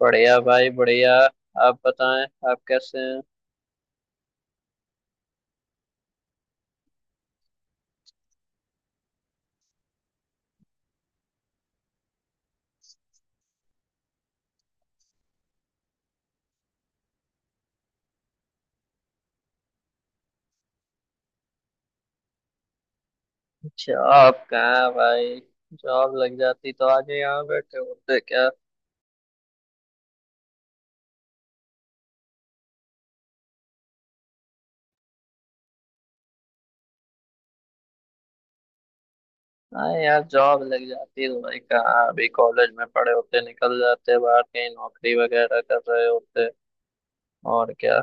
बढ़िया भाई, बढ़िया। आप बताएं, आप कैसे हैं? अच्छा, आप कहाँ हैं भाई? जॉब लग जाती तो आज ही यहाँ बैठे होते क्या? हाँ यार, जॉब लग जाती तो भाई कहाँ अभी कॉलेज में पढ़े होते, निकल जाते बाहर कहीं नौकरी वगैरह कर रहे होते। और क्या।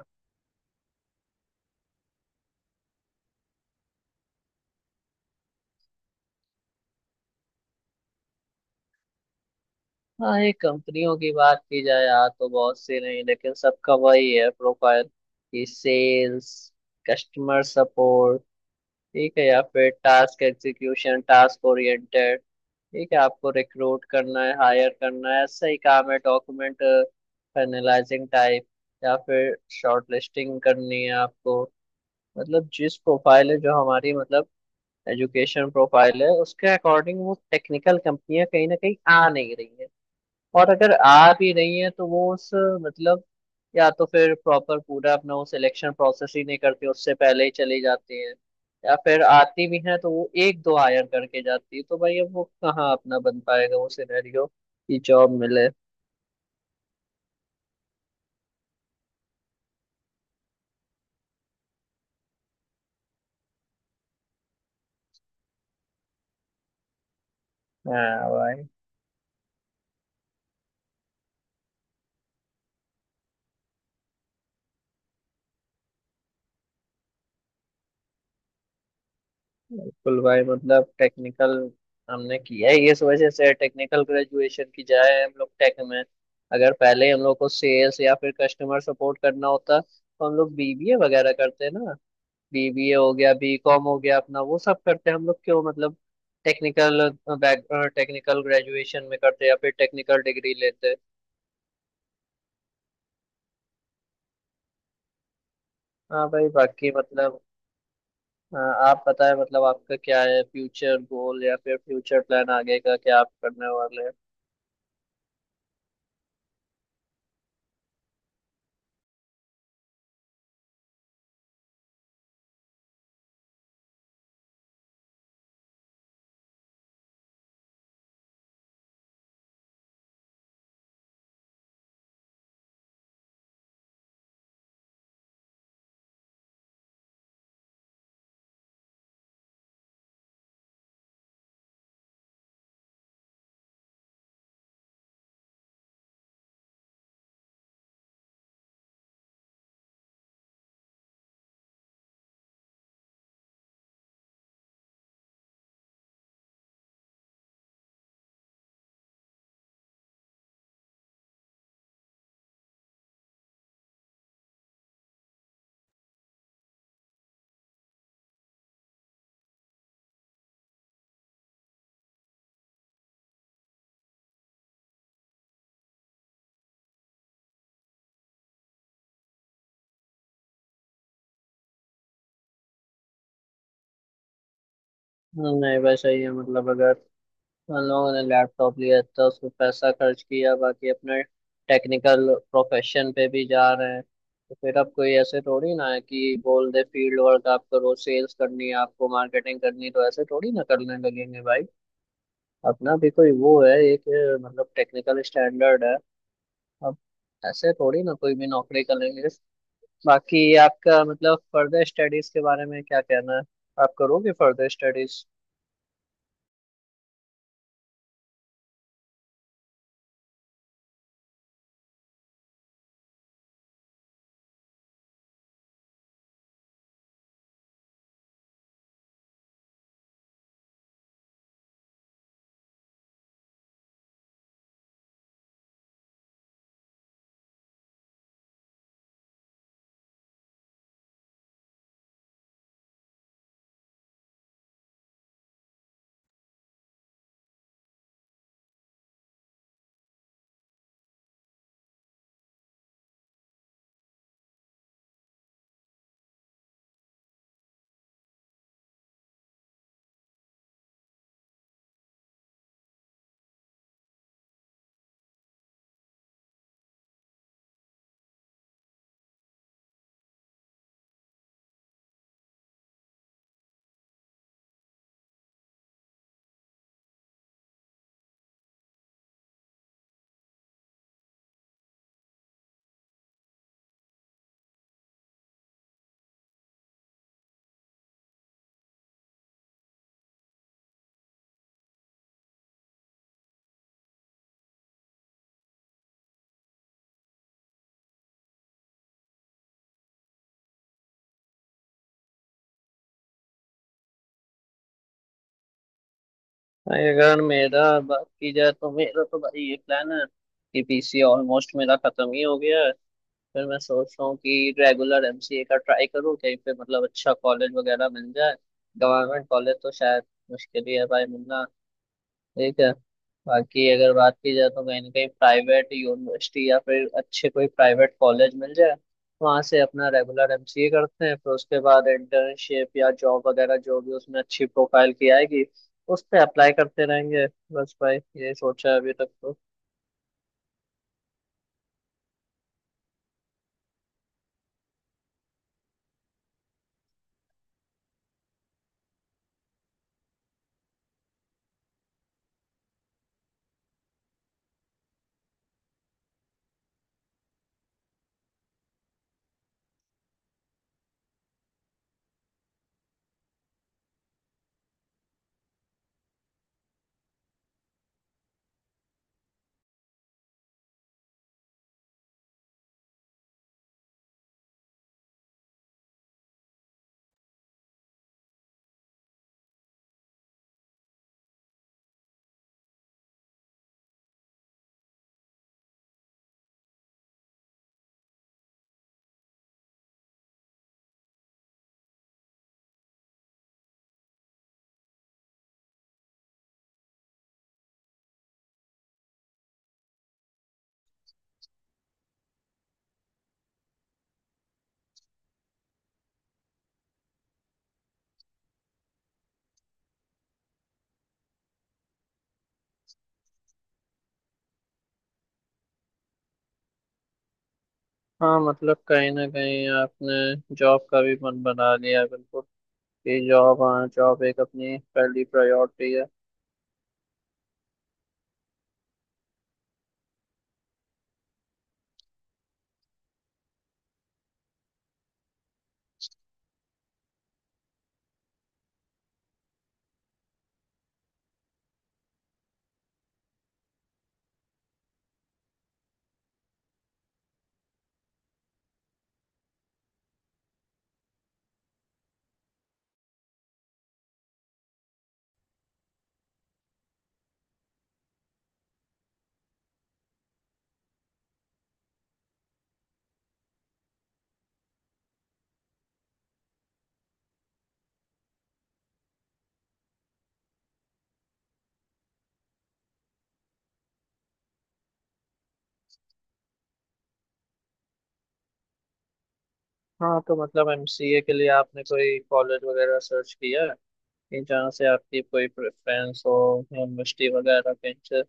हाँ, ये कंपनियों की बात की जाए यार तो बहुत सी नहीं, लेकिन सबका वही है प्रोफाइल कि सेल्स, कस्टमर सपोर्ट, ठीक है, या फिर टास्क एग्जीक्यूशन, टास्क ओरिएंटेड, ठीक है, आपको रिक्रूट करना है, हायर करना है, ऐसा ही काम है। डॉक्यूमेंट फाइनलाइजिंग टाइप या फिर शॉर्टलिस्टिंग करनी है आपको। मतलब जिस प्रोफाइल है जो हमारी मतलब एजुकेशन प्रोफाइल है, उसके अकॉर्डिंग वो टेक्निकल कंपनियां कहीं ना कहीं आ नहीं रही है। और अगर आ भी रही है तो वो उस मतलब या तो फिर प्रॉपर पूरा अपना वो सिलेक्शन प्रोसेस ही नहीं करती, उससे पहले ही चली जाती है, या फिर आती भी है तो वो एक दो हायर करके जाती है। तो भाई अब वो कहाँ अपना बन पाएगा वो सिनेरियो कि जॉब मिले। हाँ भाई, बिल्कुल भाई, मतलब टेक्निकल हमने किया है। इस वजह से टेक्निकल ग्रेजुएशन की जाए हम लोग टेक में। अगर पहले हम लोग को सेल्स या फिर कस्टमर सपोर्ट करना होता तो हम लोग बीबीए वगैरह करते ना। बीबीए हो गया, बीकॉम हो गया, अपना वो सब करते हैं हम लोग। क्यों मतलब टेक्निकल बैक, टेक्निकल ग्रेजुएशन में करते हैं या फिर टेक्निकल डिग्री लेते हैं। हाँ भाई। बाकी मतलब आप बताएं, मतलब आपका क्या है फ्यूचर गोल या फिर फ्यूचर प्लान, आगे का क्या आप करने वाले हैं? नहीं भाई, सही है। मतलब अगर उन लोगों ने लैपटॉप लिया था, उस पर पैसा खर्च किया, बाकी अपने टेक्निकल प्रोफेशन पे भी जा रहे हैं, तो फिर अब कोई ऐसे थोड़ी ना है कि बोल दे फील्ड वर्क आप करो, सेल्स करनी है आपको, मार्केटिंग करनी है, तो ऐसे थोड़ी ना करने लगेंगे भाई। अपना भी कोई वो है, एक मतलब टेक्निकल स्टैंडर्ड है। अब ऐसे थोड़ी ना कोई भी नौकरी करेंगे। बाकी आपका मतलब फर्दर स्टडीज के बारे में क्या कहना है? आप करोगे फर्दर स्टडीज? भाई अगर मेरा बात की जाए तो मेरा तो भाई ये प्लान है कि पीसी ऑलमोस्ट मेरा खत्म ही हो गया है। फिर मैं सोच रहा हूँ कि रेगुलर एमसीए का ट्राई करूँ कहीं पे, मतलब अच्छा कॉलेज वगैरह मिल जाए। गवर्नमेंट कॉलेज तो शायद मुश्किल ही है भाई मिलना, ठीक है। बाकी अगर बात की जाए तो कहीं ना कहीं प्राइवेट यूनिवर्सिटी या फिर अच्छे कोई प्राइवेट कॉलेज मिल जाए, वहाँ से अपना रेगुलर एमसीए करते हैं। फिर उसके बाद इंटर्नशिप या जॉब वगैरह, जो भी उसमें अच्छी प्रोफाइल की आएगी उस पर अप्लाई करते रहेंगे। बस भाई, ये सोचा है अभी तक तो। हाँ मतलब कहीं ना कहीं आपने जॉब का भी मन बना लिया है, बिल्कुल, कि जॉब, हाँ, जॉब एक अपनी पहली प्रायोरिटी है। हाँ तो मतलब एमसीए के लिए आपने कोई कॉलेज वगैरह सर्च किया है कि जहाँ से आपकी कोई प्रेफरेंस हो, यूनिवर्सिटी वगैरह के इनसे?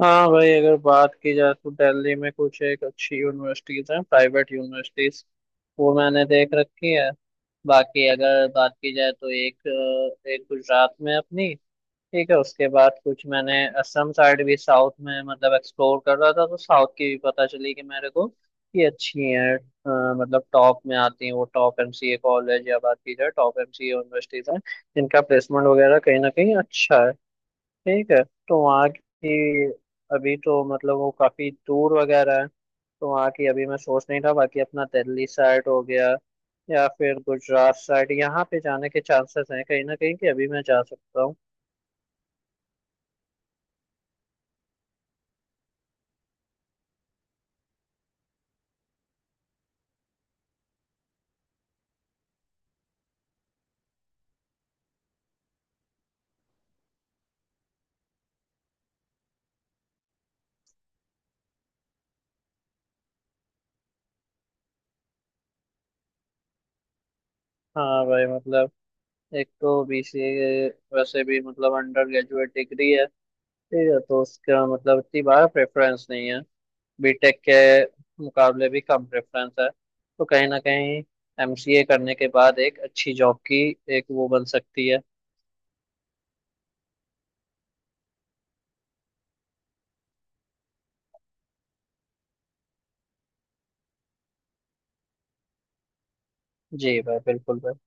हाँ भाई, अगर बात की जाए तो दिल्ली में कुछ एक अच्छी यूनिवर्सिटीज हैं, प्राइवेट यूनिवर्सिटीज, वो मैंने देख रखी है। बाकी अगर बात की जाए तो एक एक गुजरात में है अपनी, ठीक है। उसके बाद कुछ मैंने असम साइड भी, साउथ में मतलब एक्सप्लोर कर रहा था, तो साउथ की भी पता चली कि मेरे को कि अच्छी है, मतलब टॉप में आती हैं वो। टॉप एमसीए कॉलेज या बात की जाए टॉप एमसीए यूनिवर्सिटीज हैं जिनका प्लेसमेंट वगैरह कहीं ना कहीं अच्छा है, ठीक है। तो वहाँ की अभी तो मतलब वो काफ़ी दूर वगैरह है, तो वहाँ की अभी मैं सोच नहीं था। बाकी अपना दिल्ली साइड हो गया या फिर गुजरात साइड, यहाँ पे जाने के चांसेस हैं कहीं ना कहीं कि अभी मैं जा सकता हूँ। हाँ भाई मतलब एक तो बीसीए वैसे भी मतलब अंडर ग्रेजुएट डिग्री है, ठीक है, तो उसका मतलब इतनी बार प्रेफरेंस नहीं है। बीटेक के मुकाबले भी कम प्रेफरेंस है, तो कहीं ना कहीं एमसीए करने के बाद एक अच्छी जॉब की एक वो बन सकती है। जी भाई, बिल्कुल भाई।